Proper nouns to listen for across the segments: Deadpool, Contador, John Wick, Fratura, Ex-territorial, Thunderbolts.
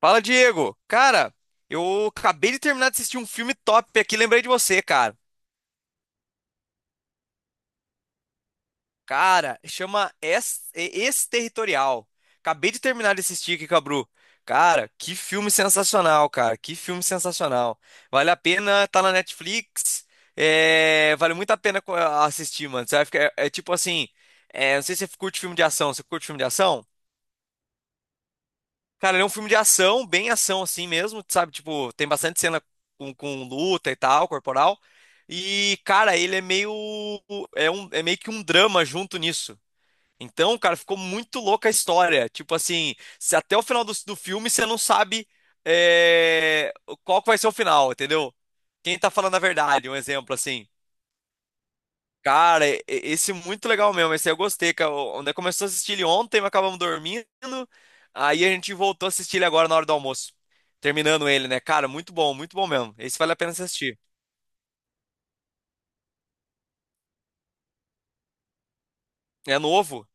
Fala, Diego. Cara, eu acabei de terminar de assistir um filme top aqui, lembrei de você, cara. Cara, chama territorial. Acabei de terminar de assistir aqui, Cabru. Cara, que filme sensacional, cara. Que filme sensacional. Vale a pena, tá na Netflix. É, vale muito a pena assistir, mano. Você vai ficar, é, é tipo assim, não sei se você curte filme de ação. Você curte filme de ação? Cara, ele é um filme de ação, bem ação assim mesmo, sabe? Tipo, tem bastante cena com luta e tal, corporal. E, cara, ele é meio. É, um, é meio que um drama junto nisso. Então, cara, ficou muito louca a história. Tipo assim, se até o final do filme você não sabe é, qual que vai ser o final, entendeu? Quem tá falando a verdade, um exemplo assim. Cara, esse é muito legal mesmo. Esse eu gostei. Cara. Onde começou a assistir ele ontem, mas acabamos dormindo. Aí a gente voltou a assistir ele agora na hora do almoço. Terminando ele, né? Cara, muito bom mesmo. Esse vale a pena você assistir. É novo.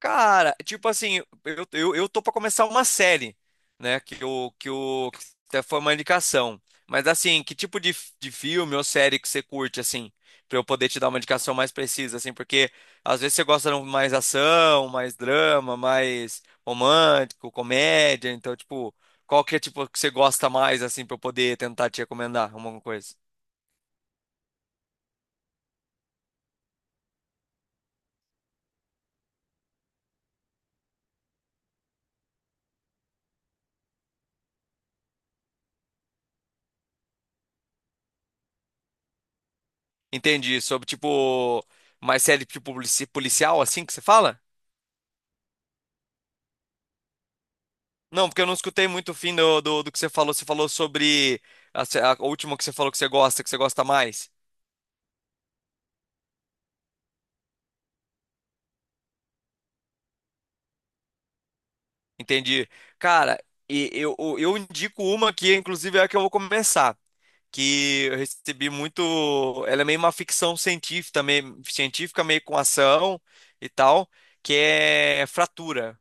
Cara, tipo assim, eu tô pra começar uma série, né? Que até foi uma indicação. Mas assim, que tipo de, de filme ou série que você curte, assim, pra eu poder te dar uma indicação mais precisa, assim, porque às vezes você gosta de um mais ação, mais drama, mais romântico, comédia, então, tipo, qual que é tipo que você gosta mais, assim, pra eu poder tentar te recomendar alguma coisa? Entendi, sobre tipo mais série tipo policial, assim que você fala? Não, porque eu não escutei muito o fim do que você falou. Você falou sobre a, se- a última que você falou que você gosta mais. Entendi. Cara, e eu indico uma que, inclusive, é a que eu vou começar. Que eu recebi muito. Ela é meio uma ficção científica, meio com ação e tal. Que é Fratura.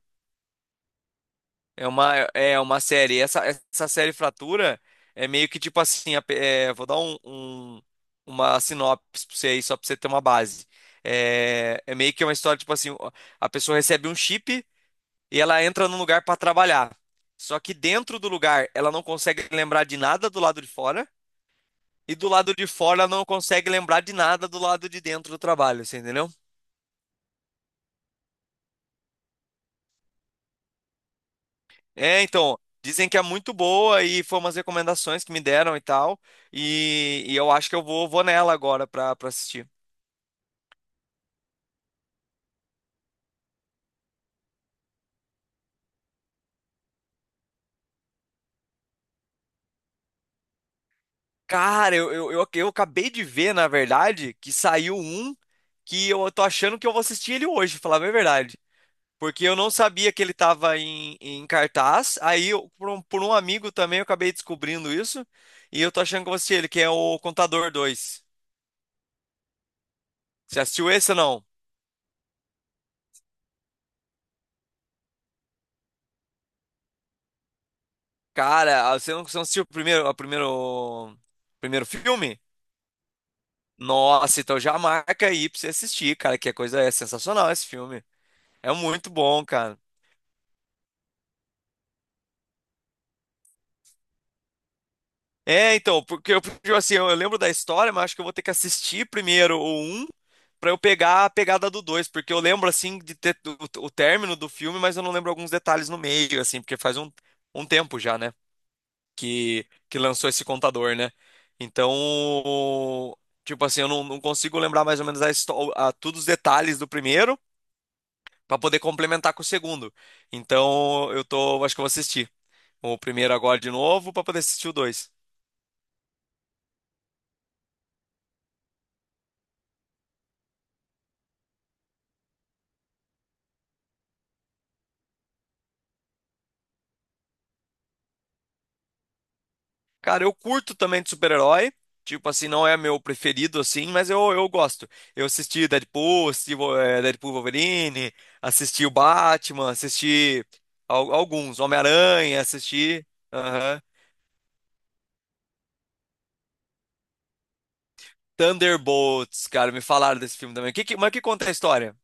É uma, é uma série. Essa série Fratura é meio que tipo assim. Vou dar um, uma sinopse pra você aí, só pra você ter uma base. É, é meio que uma história, tipo assim, a pessoa recebe um chip e ela entra num lugar pra trabalhar. Só que dentro do lugar ela não consegue lembrar de nada do lado de fora, e do lado de fora ela não consegue lembrar de nada do lado de dentro do trabalho, você entendeu? É, então, dizem que é muito boa e foi umas recomendações que me deram e tal. E eu acho que eu vou, vou nela agora pra assistir. Cara, eu acabei de ver, na verdade, que saiu um que eu tô achando que eu vou assistir ele hoje, falar bem a verdade. Porque eu não sabia que ele tava em cartaz. Aí, por um amigo também, eu acabei descobrindo isso. E eu tô achando que eu vou assistir ele, que é o Contador dois. Você assistiu esse ou não? Cara, você não assistiu o primeiro, o primeiro filme? Nossa, então já marca aí pra você assistir, cara, que a coisa é sensacional esse filme. É muito bom, cara. É, então, porque eu, porque, assim, eu lembro da história, mas acho que eu vou ter que assistir primeiro o um pra eu pegar a pegada do 2 porque eu lembro, assim, de ter o término do filme, mas eu não lembro alguns detalhes no meio, assim, porque faz um, um tempo já, né, que lançou esse contador, né? Então, tipo assim, eu não, não consigo lembrar mais ou menos todos os detalhes do primeiro, pra poder complementar com o segundo. Então, eu tô, acho que eu vou assistir o primeiro agora de novo pra poder assistir o dois. Cara, eu curto também de super-herói. Tipo assim, não é meu preferido assim, mas eu gosto. Eu assisti Deadpool, assisti Deadpool Wolverine, assisti o Batman, assisti alguns, Homem-Aranha, assisti. Aham. Thunderbolts, cara, me falaram desse filme também. Mas que conta a história?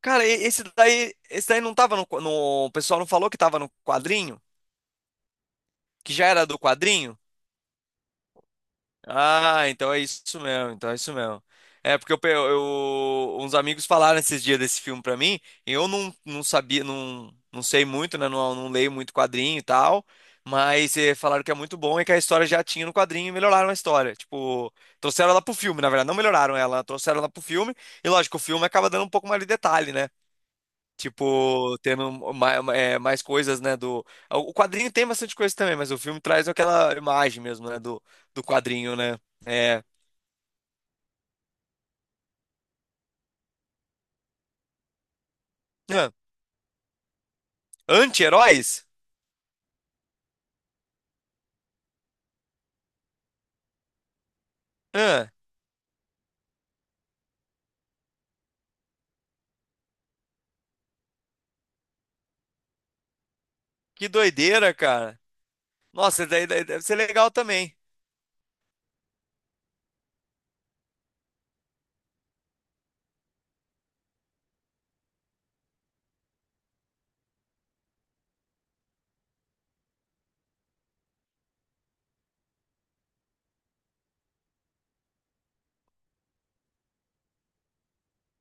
Cara, esse daí não tava no, O pessoal não falou que tava no quadrinho? Que já era do quadrinho? Ah, então é isso mesmo, então é isso mesmo. É porque uns amigos falaram esses dias desse filme pra mim, e eu não sabia, não sei muito, né? Não leio muito quadrinho e tal, mas falaram que é muito bom e que a história já tinha no quadrinho e melhoraram a história. Tipo, trouxeram ela pro filme, na verdade, não melhoraram ela, trouxeram ela pro filme, e lógico, o filme acaba dando um pouco mais de detalhe, né? Tipo, tendo mais, mais coisas, né, do... O quadrinho tem bastante coisa também, mas o filme traz aquela imagem mesmo, né, do, do quadrinho, né? É... Ah, anti-heróis? Ah, que doideira, cara. Nossa, daí, daí deve ser legal também.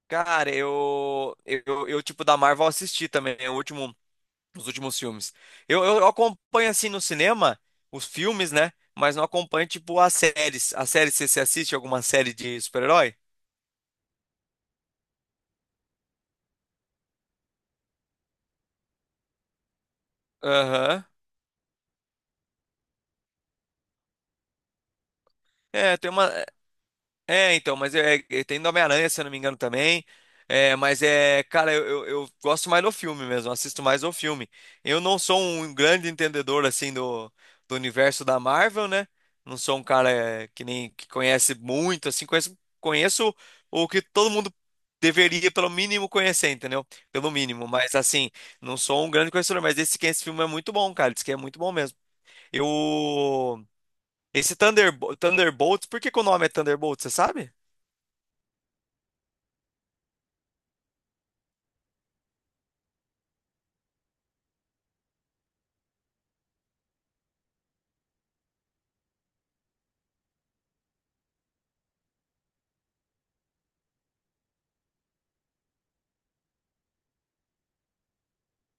Cara, tipo, da Marvel eu assisti também, né, o último, os últimos filmes. Eu acompanho, assim, no cinema, os filmes, né, mas não acompanho, tipo, as séries. As séries, você assiste alguma série de super-herói? Aham. É, tem uma. É, então, mas é, tem do Homem-Aranha, se eu não me engano, também. É, mas é, cara, eu gosto mais do filme mesmo, assisto mais do filme. Eu não sou um grande entendedor, assim, do, do universo da Marvel, né? Não sou um cara é, que nem que conhece muito, assim, conheço, conheço o que todo mundo deveria, pelo mínimo, conhecer, entendeu? Pelo mínimo, mas assim, não sou um grande conhecedor, mas esse, que é esse filme é muito bom, cara, diz que é muito bom mesmo. Eu... Esse Thunderbolts, por que que o nome é Thunderbolts, você sabe?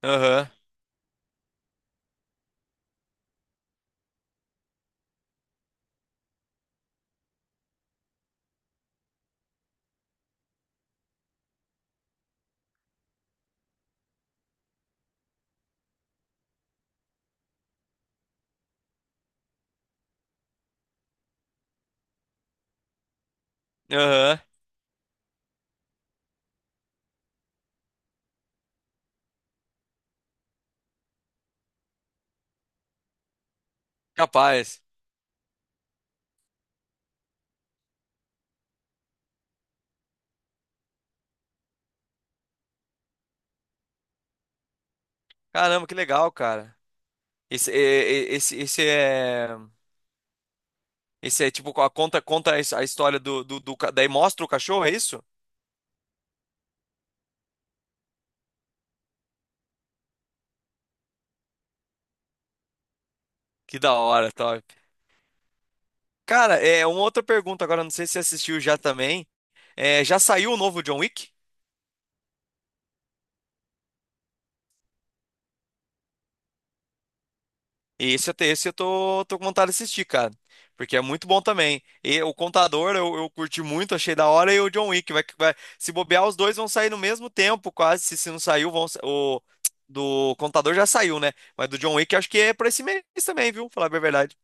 Aham, aham, capaz. Caramba, que legal, cara. Esse, esse, esse é tipo a conta a história do, do, daí mostra o cachorro, é isso? Que da hora, top. Cara, é uma outra pergunta agora, não sei se você assistiu já também. É, já saiu o novo John Wick? E esse, até esse eu tô, tô com vontade de assistir, cara. Porque é muito bom também. E o Contador eu curti muito, achei da hora. E o John Wick vai, se bobear, os dois vão sair no mesmo tempo, quase. Se não saiu, o do Contador já saiu, né? Mas do John Wick acho que é pra esse mês também, viu? Falar bem a verdade.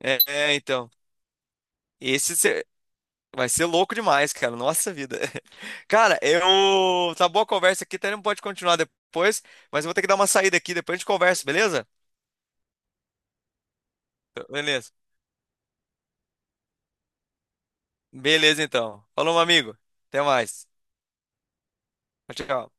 É, é, então. Esse cê- vai ser louco demais, cara. Nossa vida. Cara, eu. Tá boa a conversa aqui, até não pode continuar depois. Mas eu vou ter que dar uma saída aqui, depois a gente conversa, beleza? Beleza. Beleza, então. Falou, meu amigo. Até mais. Tchau, tchau.